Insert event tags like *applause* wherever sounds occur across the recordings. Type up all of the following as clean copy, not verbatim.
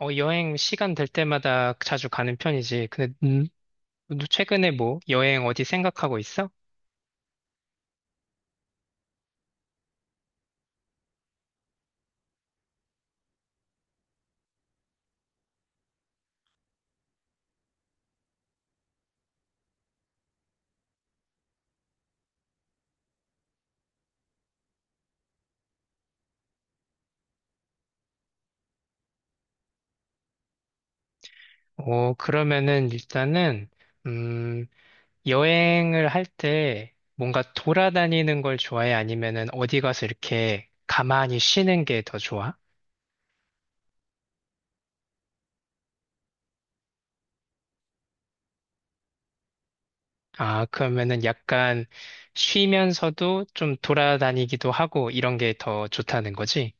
어, 여행 시간 될 때마다 자주 가는 편이지. 근데, 너 최근에 뭐, 여행 어디 생각하고 있어? 어, 그러면은 일단은, 음, 여행을 할 때 뭔가 돌아다니는 걸 좋아해? 아니면은 어디 가서 이렇게 가만히 쉬는 게 더 좋아? 아, 그러면은 약간 쉬면서도 좀 돌아다니기도 하고 이런 게 더 좋다는 거지?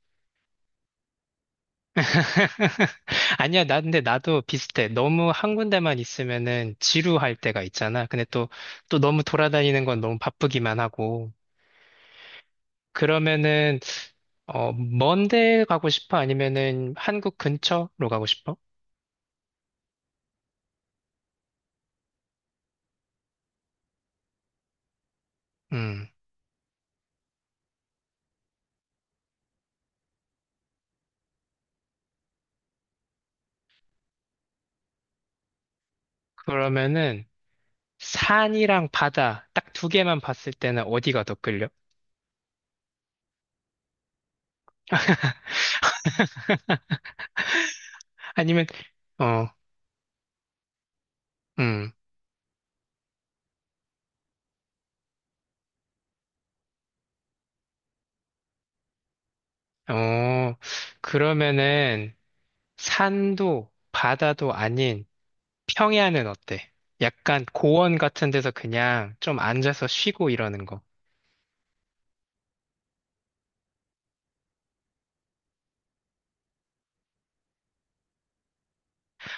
*laughs* 아니야, 나, 근데 나도 비슷해. 너무 한 군데만 있으면은 지루할 때가 있잖아. 근데 또, 너무 돌아다니는 건 너무 바쁘기만 하고. 그러면은, 어, 먼데 가고 싶어? 아니면은 한국 근처로 가고 싶어? 음, 그러면은 산이랑 바다 딱 두 개만 봤을 때는 어디가 더 끌려? 아니면, 어, 음, 어, 그러면은 산도 바다도 아닌 평야는 어때? 약간 고원 같은 데서 그냥 좀 앉아서 쉬고 이러는 거.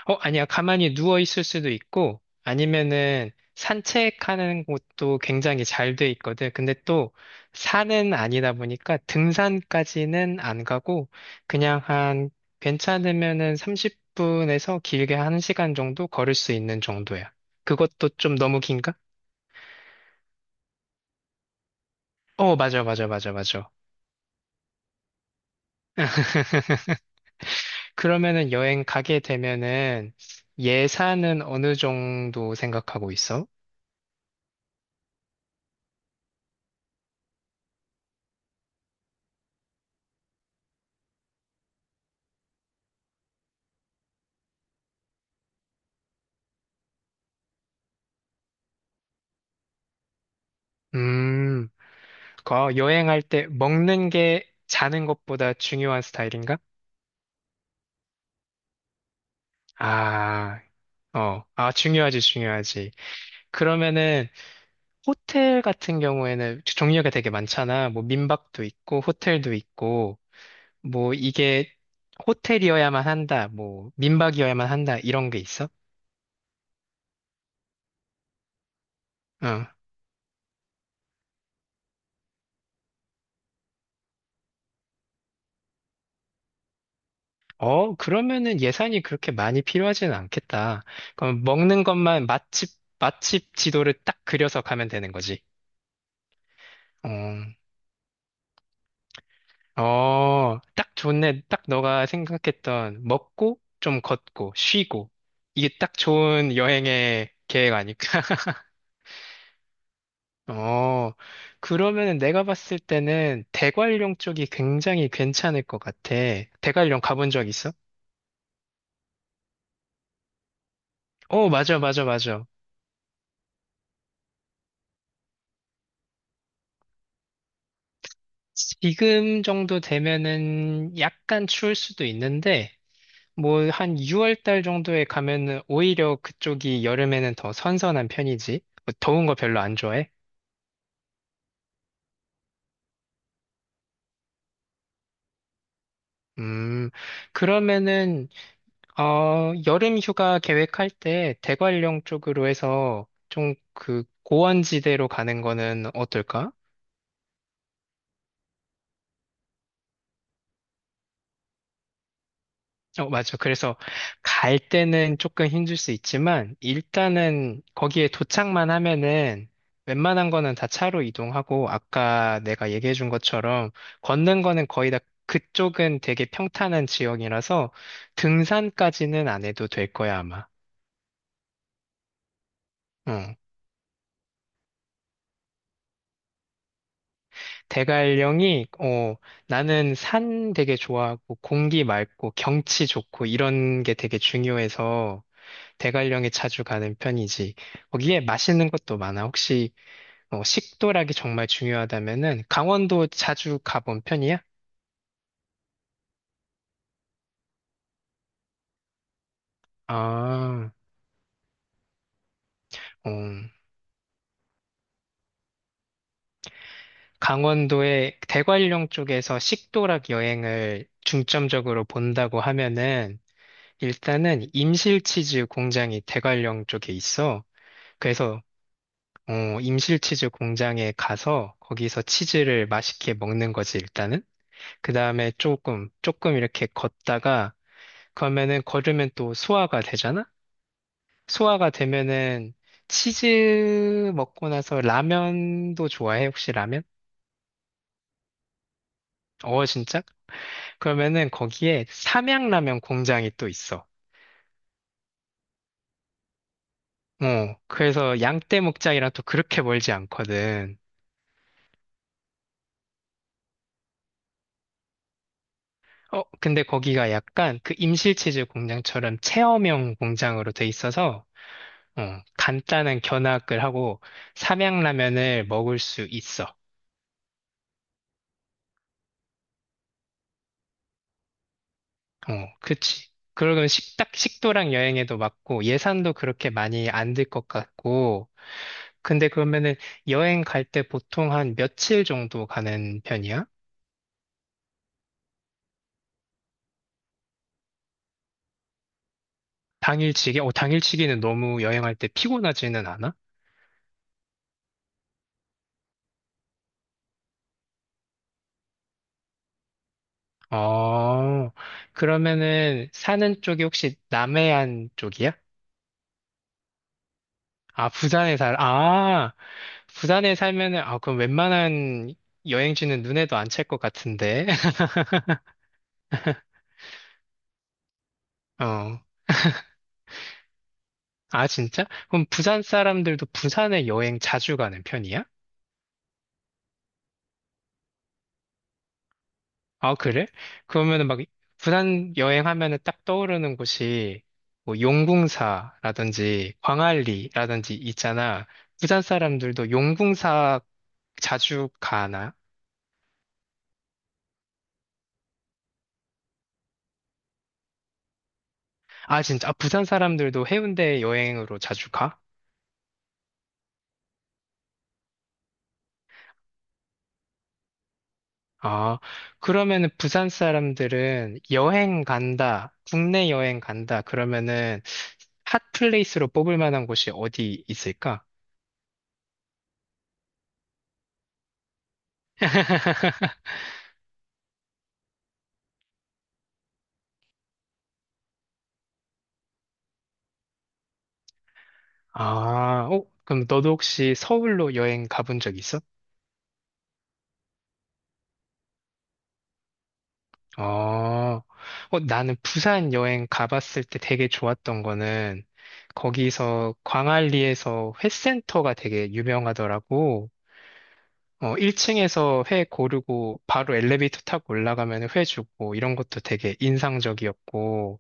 어, 아니야. 가만히 누워 있을 수도 있고, 아니면은 산책하는 곳도 굉장히 잘 돼 있거든. 근데 또 산은 아니다 보니까 등산까지는 안 가고, 그냥 한, 괜찮으면은 30분에서 길게 1시간 정도 걸을 수 있는 정도야. 그것도 좀 너무 긴가? 어, 맞아, 맞아, 맞아, 맞아. *laughs* 그러면은 여행 가게 되면은 예산은 어느 정도 생각하고 있어? 음, 거 여행할 때 먹는 게 자는 것보다 중요한 스타일인가? 아, 어, 아, 중요하지, 중요하지. 그러면은 호텔 같은 경우에는 종류가 되게 많잖아. 뭐 민박도 있고, 호텔도 있고, 뭐 이게 호텔이어야만 한다, 뭐 민박이어야만 한다, 이런 게 있어? 응. 어, 그러면은 예산이 그렇게 많이 필요하지는 않겠다. 그럼 먹는 것만 맛집, 맛집 지도를 딱 그려서 가면 되는 거지. 어, 어, 딱 좋네. 딱 너가 생각했던 먹고, 좀 걷고, 쉬고. 이게 딱 좋은 여행의 계획 아닐까? *laughs* 어, 그러면은 내가 봤을 때는 대관령 쪽이 굉장히 괜찮을 것 같아. 대관령 가본 적 있어? 어, 맞아, 맞아, 맞아. 지금 정도 되면은 약간 추울 수도 있는데, 뭐 한 6월 달 정도에 가면은 오히려 그쪽이 여름에는 더 선선한 편이지. 뭐 더운 거 별로 안 좋아해? 음, 그러면은, 어, 여름 휴가 계획할 때 대관령 쪽으로 해서 좀 그 고원지대로 가는 거는 어떨까? 어, 맞아. 그래서 갈 때는 조금 힘들 수 있지만, 일단은 거기에 도착만 하면은 웬만한 거는 다 차로 이동하고, 아까 내가 얘기해 준 것처럼 걷는 거는 거의 다 그쪽은 되게 평탄한 지역이라서 등산까지는 안 해도 될 거야, 아마. 어. 대관령이, 어, 나는 산 되게 좋아하고, 공기 맑고, 경치 좋고, 이런 게 되게 중요해서, 대관령에 자주 가는 편이지. 거기에 맛있는 것도 많아. 혹시, 어, 식도락이 정말 중요하다면은, 강원도 자주 가본 편이야? 아, 어, 강원도의 대관령 쪽에서 식도락 여행을 중점적으로 본다고 하면은, 일단은 임실치즈 공장이 대관령 쪽에 있어. 그래서 어, 임실치즈 공장에 가서 거기서 치즈를 맛있게 먹는 거지, 일단은. 그 다음에 조금, 조금 이렇게 걷다가, 그러면은 걸으면 또 소화가 되잖아? 소화가 되면은 치즈 먹고 나서 라면도 좋아해, 혹시 라면? 어, 진짜? 그러면은 거기에 삼양라면 공장이 또 있어. 어, 그래서 양떼목장이랑 또 그렇게 멀지 않거든. 어, 근데 거기가 약간 그 임실치즈 공장처럼 체험형 공장으로 돼 있어서 어, 간단한 견학을 하고 삼양라면을 먹을 수 있어. 어, 그치. 그러면 식도락 여행에도 맞고 예산도 그렇게 많이 안 들 것 같고. 근데 그러면은 여행 갈 때 보통 한 며칠 정도 가는 편이야? 당일치기? 어, 당일치기는 너무 여행할 때 피곤하지는 않아? 어, 그러면은 사는 쪽이 혹시 남해안 쪽이야? 아, 아, 부산에 살면은, 아, 그럼 웬만한 여행지는 눈에도 안 찰 것 같은데. *laughs* 어. 아, 진짜? 그럼 부산 사람들도 부산에 여행 자주 가는 편이야? 아, 그래? 그러면은 막, 부산 여행하면은 딱 떠오르는 곳이, 뭐, 용궁사라든지, 광안리라든지 있잖아. 부산 사람들도 용궁사 자주 가나? 아, 진짜? 아, 부산 사람들도 해운대 여행으로 자주 가? 아, 그러면은 부산 사람들은 여행 간다, 국내 여행 간다, 그러면은 핫플레이스로 뽑을 만한 곳이 어디 있을까? *laughs* 아, 어, 그럼 너도 혹시 서울로 여행 가본 적 있어? 어, 어, 나는 부산 여행 가봤을 때 되게 좋았던 거는 거기서 광안리에서 회센터가 되게 유명하더라고. 어, 1층에서 회 고르고 바로 엘리베이터 타고 올라가면 회 주고 이런 것도 되게 인상적이었고,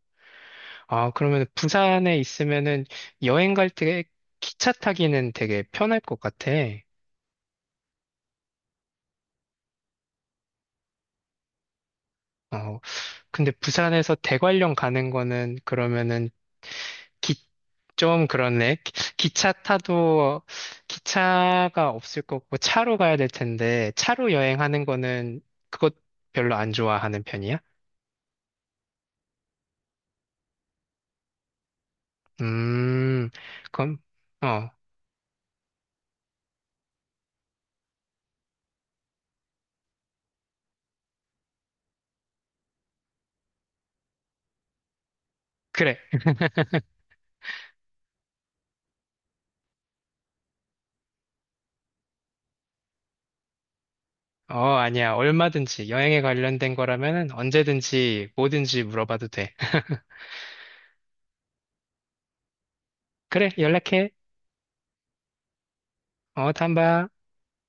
아, 그러면 부산에 있으면은 여행 갈 때 기차 타기는 되게 편할 것 같아. 어, 근데 부산에서 대관령 가는 거는 그러면은 기, 좀 그렇네. 기차 타도 기차가 없을 거고 차로 가야 될 텐데 차로 여행하는 거는 그것 별로 안 좋아하는 편이야? 음, 그럼, 어, 그래. 어, 아니야. 얼마든지 여행에 관련된 거라면 언제든지 뭐든지 물어봐도 돼. *laughs* 그래, 연락해. 어, 다음 봐.